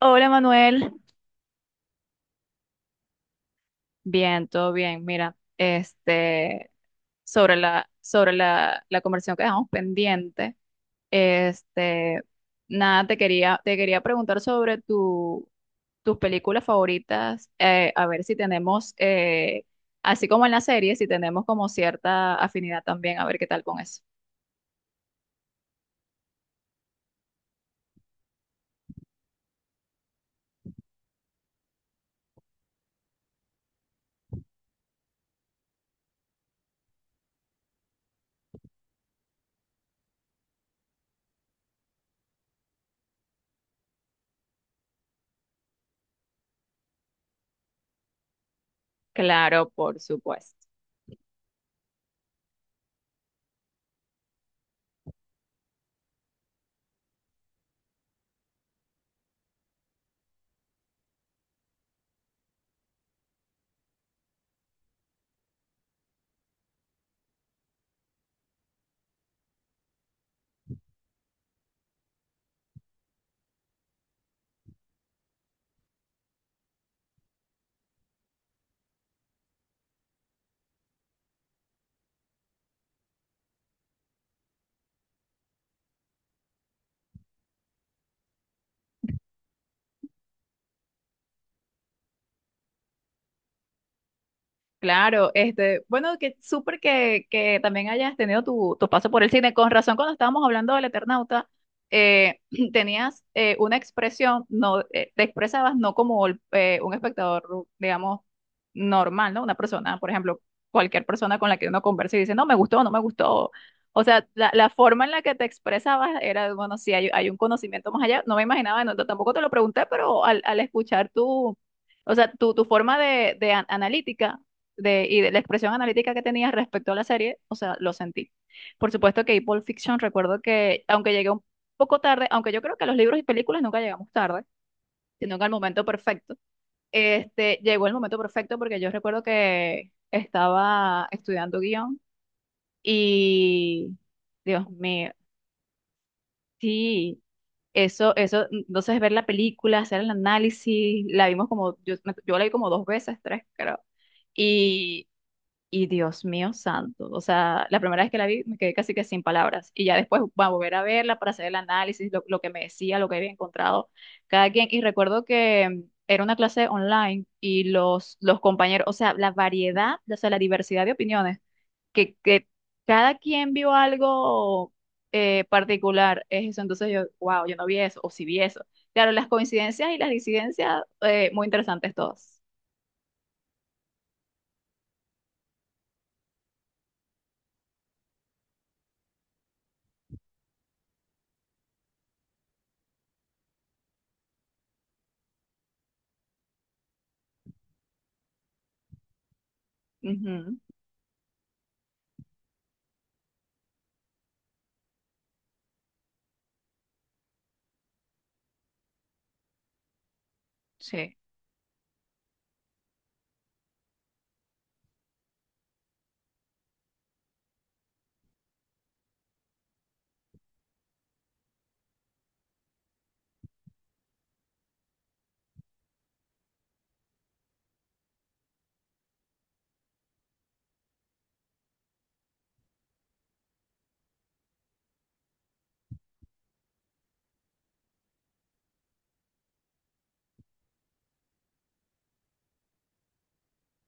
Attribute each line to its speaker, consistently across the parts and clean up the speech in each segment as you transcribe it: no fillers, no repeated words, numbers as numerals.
Speaker 1: Hola Manuel, bien, todo bien. Mira, sobre la conversación que dejamos pendiente, este, nada, te quería preguntar sobre tus películas favoritas, a ver si tenemos, así como en la serie, si tenemos como cierta afinidad también, a ver qué tal con eso. Claro, por supuesto. Claro, este, bueno, que súper que también hayas tenido tu paso por el cine. Con razón, cuando estábamos hablando del Eternauta, eh, tenías una expresión, no, te expresabas no como un espectador, digamos, normal, ¿no? Una persona, por ejemplo, cualquier persona con la que uno conversa y dice, no, me gustó, no me gustó. O sea, la forma en la que te expresabas era, bueno, sí, hay un conocimiento más allá. No me imaginaba, no, tampoco te lo pregunté, pero al escuchar o sea, tu forma de analítica de, y de la expresión analítica que tenía respecto a la serie, o sea, lo sentí. Por supuesto que Pulp Fiction, recuerdo que, aunque llegué un poco tarde, aunque yo creo que a los libros y películas nunca llegamos tarde, sino que al momento perfecto, este, llegó el momento perfecto porque yo recuerdo que estaba estudiando guión y, Dios mío, sí. Eso, entonces ver la película, hacer el análisis, la vimos como, yo la vi como dos veces, tres, creo. Y Y Dios mío santo, o sea, la primera vez que la vi me quedé casi que sin palabras y ya después va a volver a verla para hacer el análisis, lo que me decía, lo que había encontrado cada quien. Y recuerdo que era una clase online y los compañeros, o sea, la variedad, o sea, la diversidad de opiniones, que cada quien vio algo particular, es eso. Entonces yo, wow, yo no vi eso, o sí vi eso. Claro, las coincidencias y las disidencias, muy interesantes todas. Ujú, sí,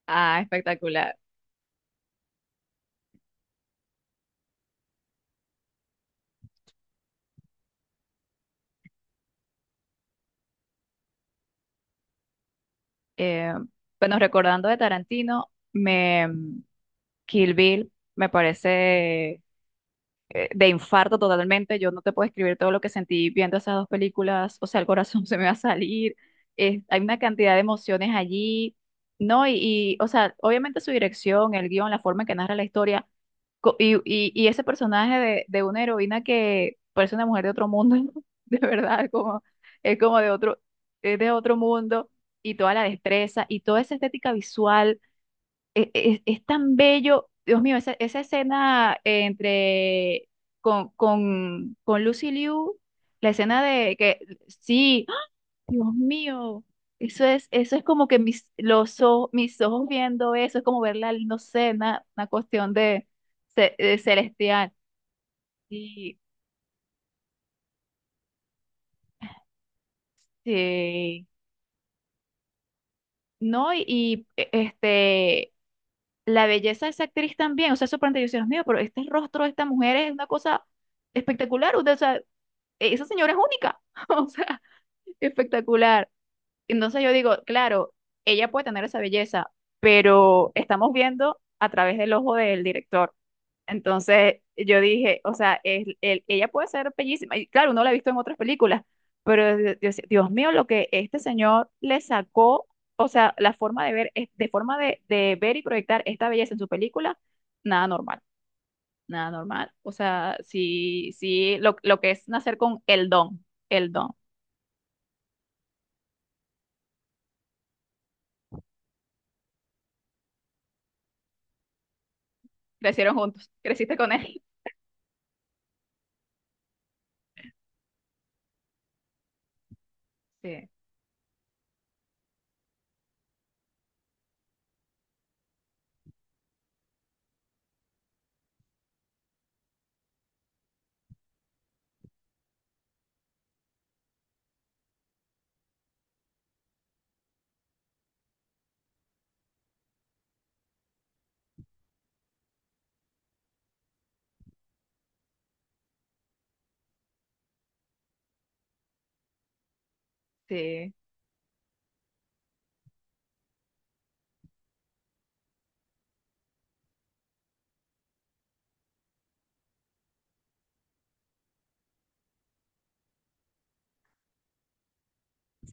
Speaker 1: ah, espectacular. Eh, bueno, recordando de Tarantino, me, Kill Bill me parece de infarto totalmente. Yo no te puedo escribir todo lo que sentí viendo esas dos películas. O sea, el corazón se me va a salir. Hay una cantidad de emociones allí, ¿no? O sea, obviamente su dirección, el guión, la forma en que narra la historia y ese personaje de una heroína que parece una mujer de otro mundo, de verdad, como, es como de otro, es de otro mundo. Y toda la destreza y toda esa estética visual Es, tan bello, Dios mío, esa escena entre con Lucy Liu, la escena de que sí, ¡Ah! Dios mío, eso es como que mis, los ojos, mis ojos viendo eso, es como verla, no sé, una cuestión de, de celestial. Y sí, no, este la belleza de esa actriz también, o sea, sorprendente, yo decía, Dios mío, pero este rostro de esta mujer es una cosa espectacular. O sea, esa señora es única, o sea, espectacular. Entonces yo digo, claro, ella puede tener esa belleza, pero estamos viendo a través del ojo del director. Entonces yo dije, o sea, ella puede ser bellísima. Y claro, uno la ha visto en otras películas, pero yo decía, Dios mío, lo que este señor le sacó, o sea, la forma de ver, de forma de ver y proyectar esta belleza en su película, nada normal. Nada normal. O sea, sí, sí, lo que es nacer con el don, el don. Crecieron juntos, creciste con él. Sí, sí.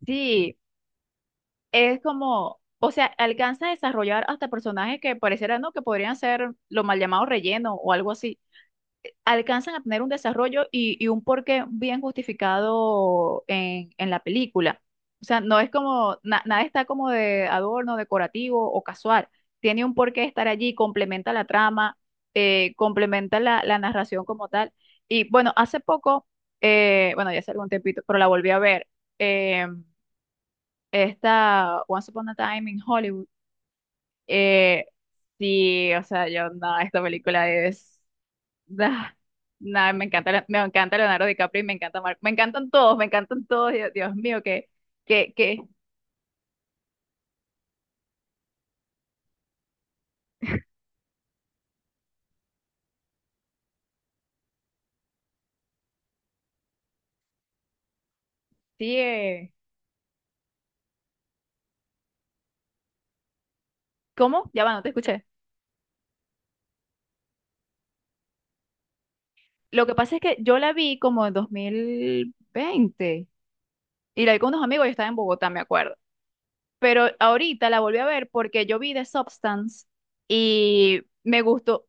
Speaker 1: Sí, es como, o sea, alcanza a desarrollar hasta personajes que parecieran, ¿no? Que podrían ser lo mal llamado relleno o algo así. Alcanzan a tener un desarrollo y un porqué bien justificado en la película. O sea, no es como, nada está como de adorno, decorativo o casual. Tiene un porqué estar allí, complementa la trama, complementa la narración como tal. Y bueno, hace poco, bueno, ya hace algún tiempito, pero la volví a ver, eh, esta Once Upon a Time in Hollywood. Eh, sí, o sea, yo, no, esta película es Nah, nah, me encanta, me encanta Leonardo DiCaprio y me encanta Mark. Me encantan todos, me encantan todos. Dios, Dios mío, que, que, sí. Eh, ¿Cómo? Ya va, no te escuché. Lo que pasa es que yo la vi como en 2020 y la vi con unos amigos, yo estaba en Bogotá, me acuerdo. Pero ahorita la volví a ver porque yo vi The Substance y me gustó.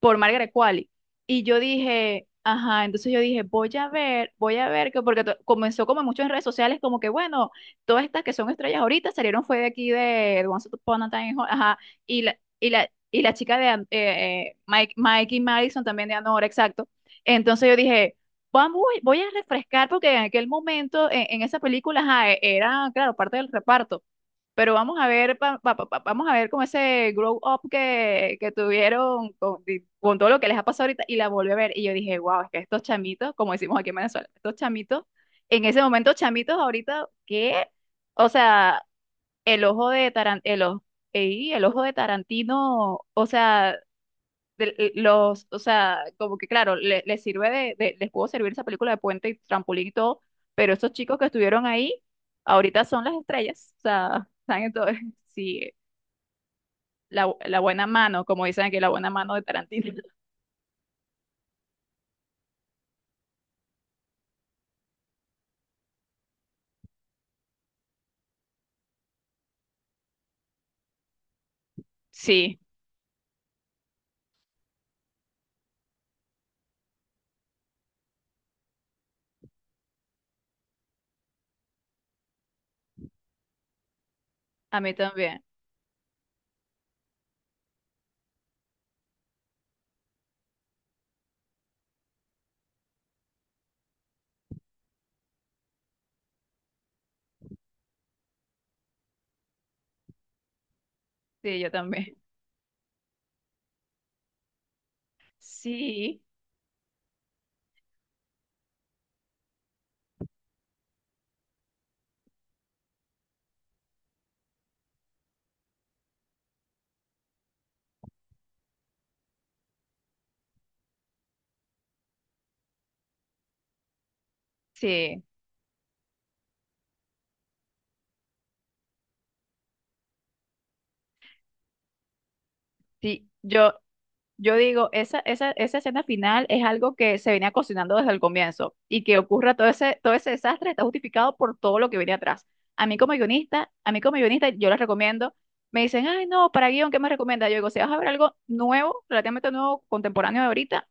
Speaker 1: Por Margaret Qualley. Y yo dije, ajá, entonces yo dije, voy a ver, que porque comenzó como en muchas redes sociales, como que bueno, todas estas que son estrellas ahorita salieron fue de aquí de Once Upon a Time, in Hollywood, ajá, y la chica de Mikey Madison también de Anora, exacto. Entonces yo dije, vamos, voy a refrescar porque en aquel momento, en esa película, ajá, era, claro, parte del reparto. Pero vamos a ver, vamos a ver como ese grow up que tuvieron con, con todo lo que les ha pasado ahorita y la volví a ver y yo dije, wow, es que estos chamitos, como decimos aquí en Venezuela, estos chamitos, en ese momento chamitos ahorita, ¿qué? O sea, el ojo de Tarantino, el ojo, ey, el ojo de Tarantino, o sea, o sea, como que claro, les sirve les pudo servir esa película de puente y trampolín y todo, pero estos chicos que estuvieron ahí, ahorita son las estrellas, o sea, están en todo, sí, la buena mano, como dicen aquí, la buena mano de Tarantino. Sí, a mí también, sí, yo también. Sí, sí, sí, Yo digo, esa escena final es algo que se venía cocinando desde el comienzo y que ocurra todo ese desastre está justificado por todo lo que viene atrás. A mí como guionista, a mí como guionista, yo les recomiendo, me dicen, ay, no, para guión, ¿qué me recomienda? Yo digo, si vas a ver algo nuevo, relativamente nuevo, contemporáneo de ahorita,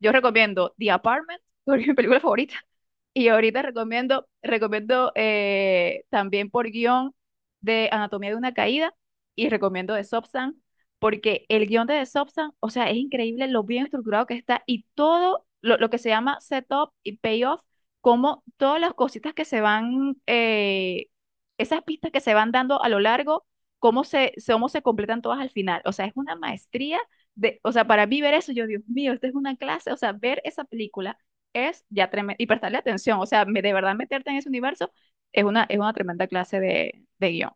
Speaker 1: yo recomiendo The Apartment, porque es mi película favorita. Y ahorita recomiendo, recomiendo también por guión de Anatomía de una caída y recomiendo de Substance, porque el guión de The Substance, o sea, es increíble lo bien estructurado que está y todo lo que se llama setup y payoff, como todas las cositas que se van, esas pistas que se van dando a lo largo, cómo se completan todas al final. O sea, es una maestría de, o sea, para mí ver eso, yo, Dios mío, esta es una clase, o sea, ver esa película es ya tremendo, y prestarle atención, o sea, de verdad meterte en ese universo es una tremenda clase de guión.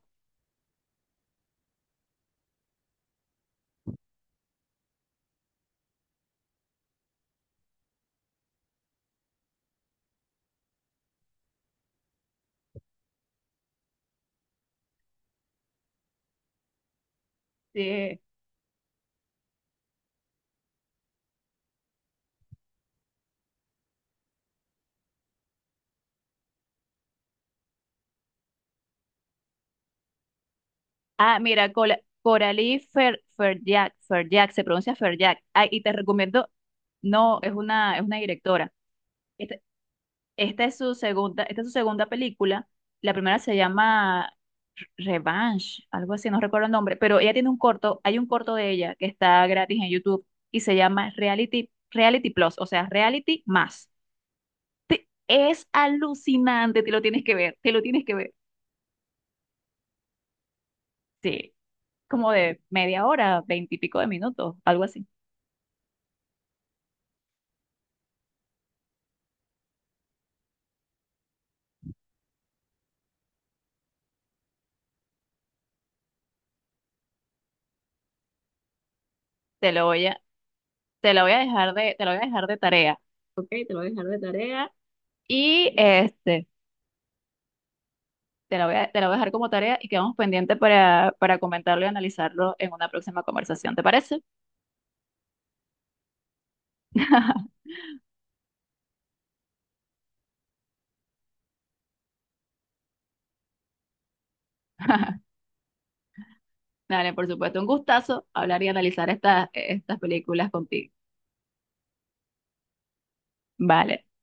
Speaker 1: Sí. Ah, mira, Coralie Ferjak, se pronuncia Ferjak, ah, y te recomiendo, no, es una directora. Este, esta es su segunda película. La primera se llama Revenge, algo así, no recuerdo el nombre, pero ella tiene un corto, hay un corto de ella que está gratis en YouTube y se llama Reality Plus, o sea, Reality más. Es alucinante, te lo tienes que ver. Sí, como de 1/2 hora, veintipico de minutos, algo así. Te lo voy a, te lo voy a dejar de, te lo voy a dejar de tarea. Ok, te lo voy a dejar de tarea. Y este. Te la voy a dejar como tarea y quedamos pendientes para comentarlo y analizarlo en una próxima conversación. ¿Te parece? Dale, por supuesto, un gustazo hablar y analizar estas películas contigo. Vale.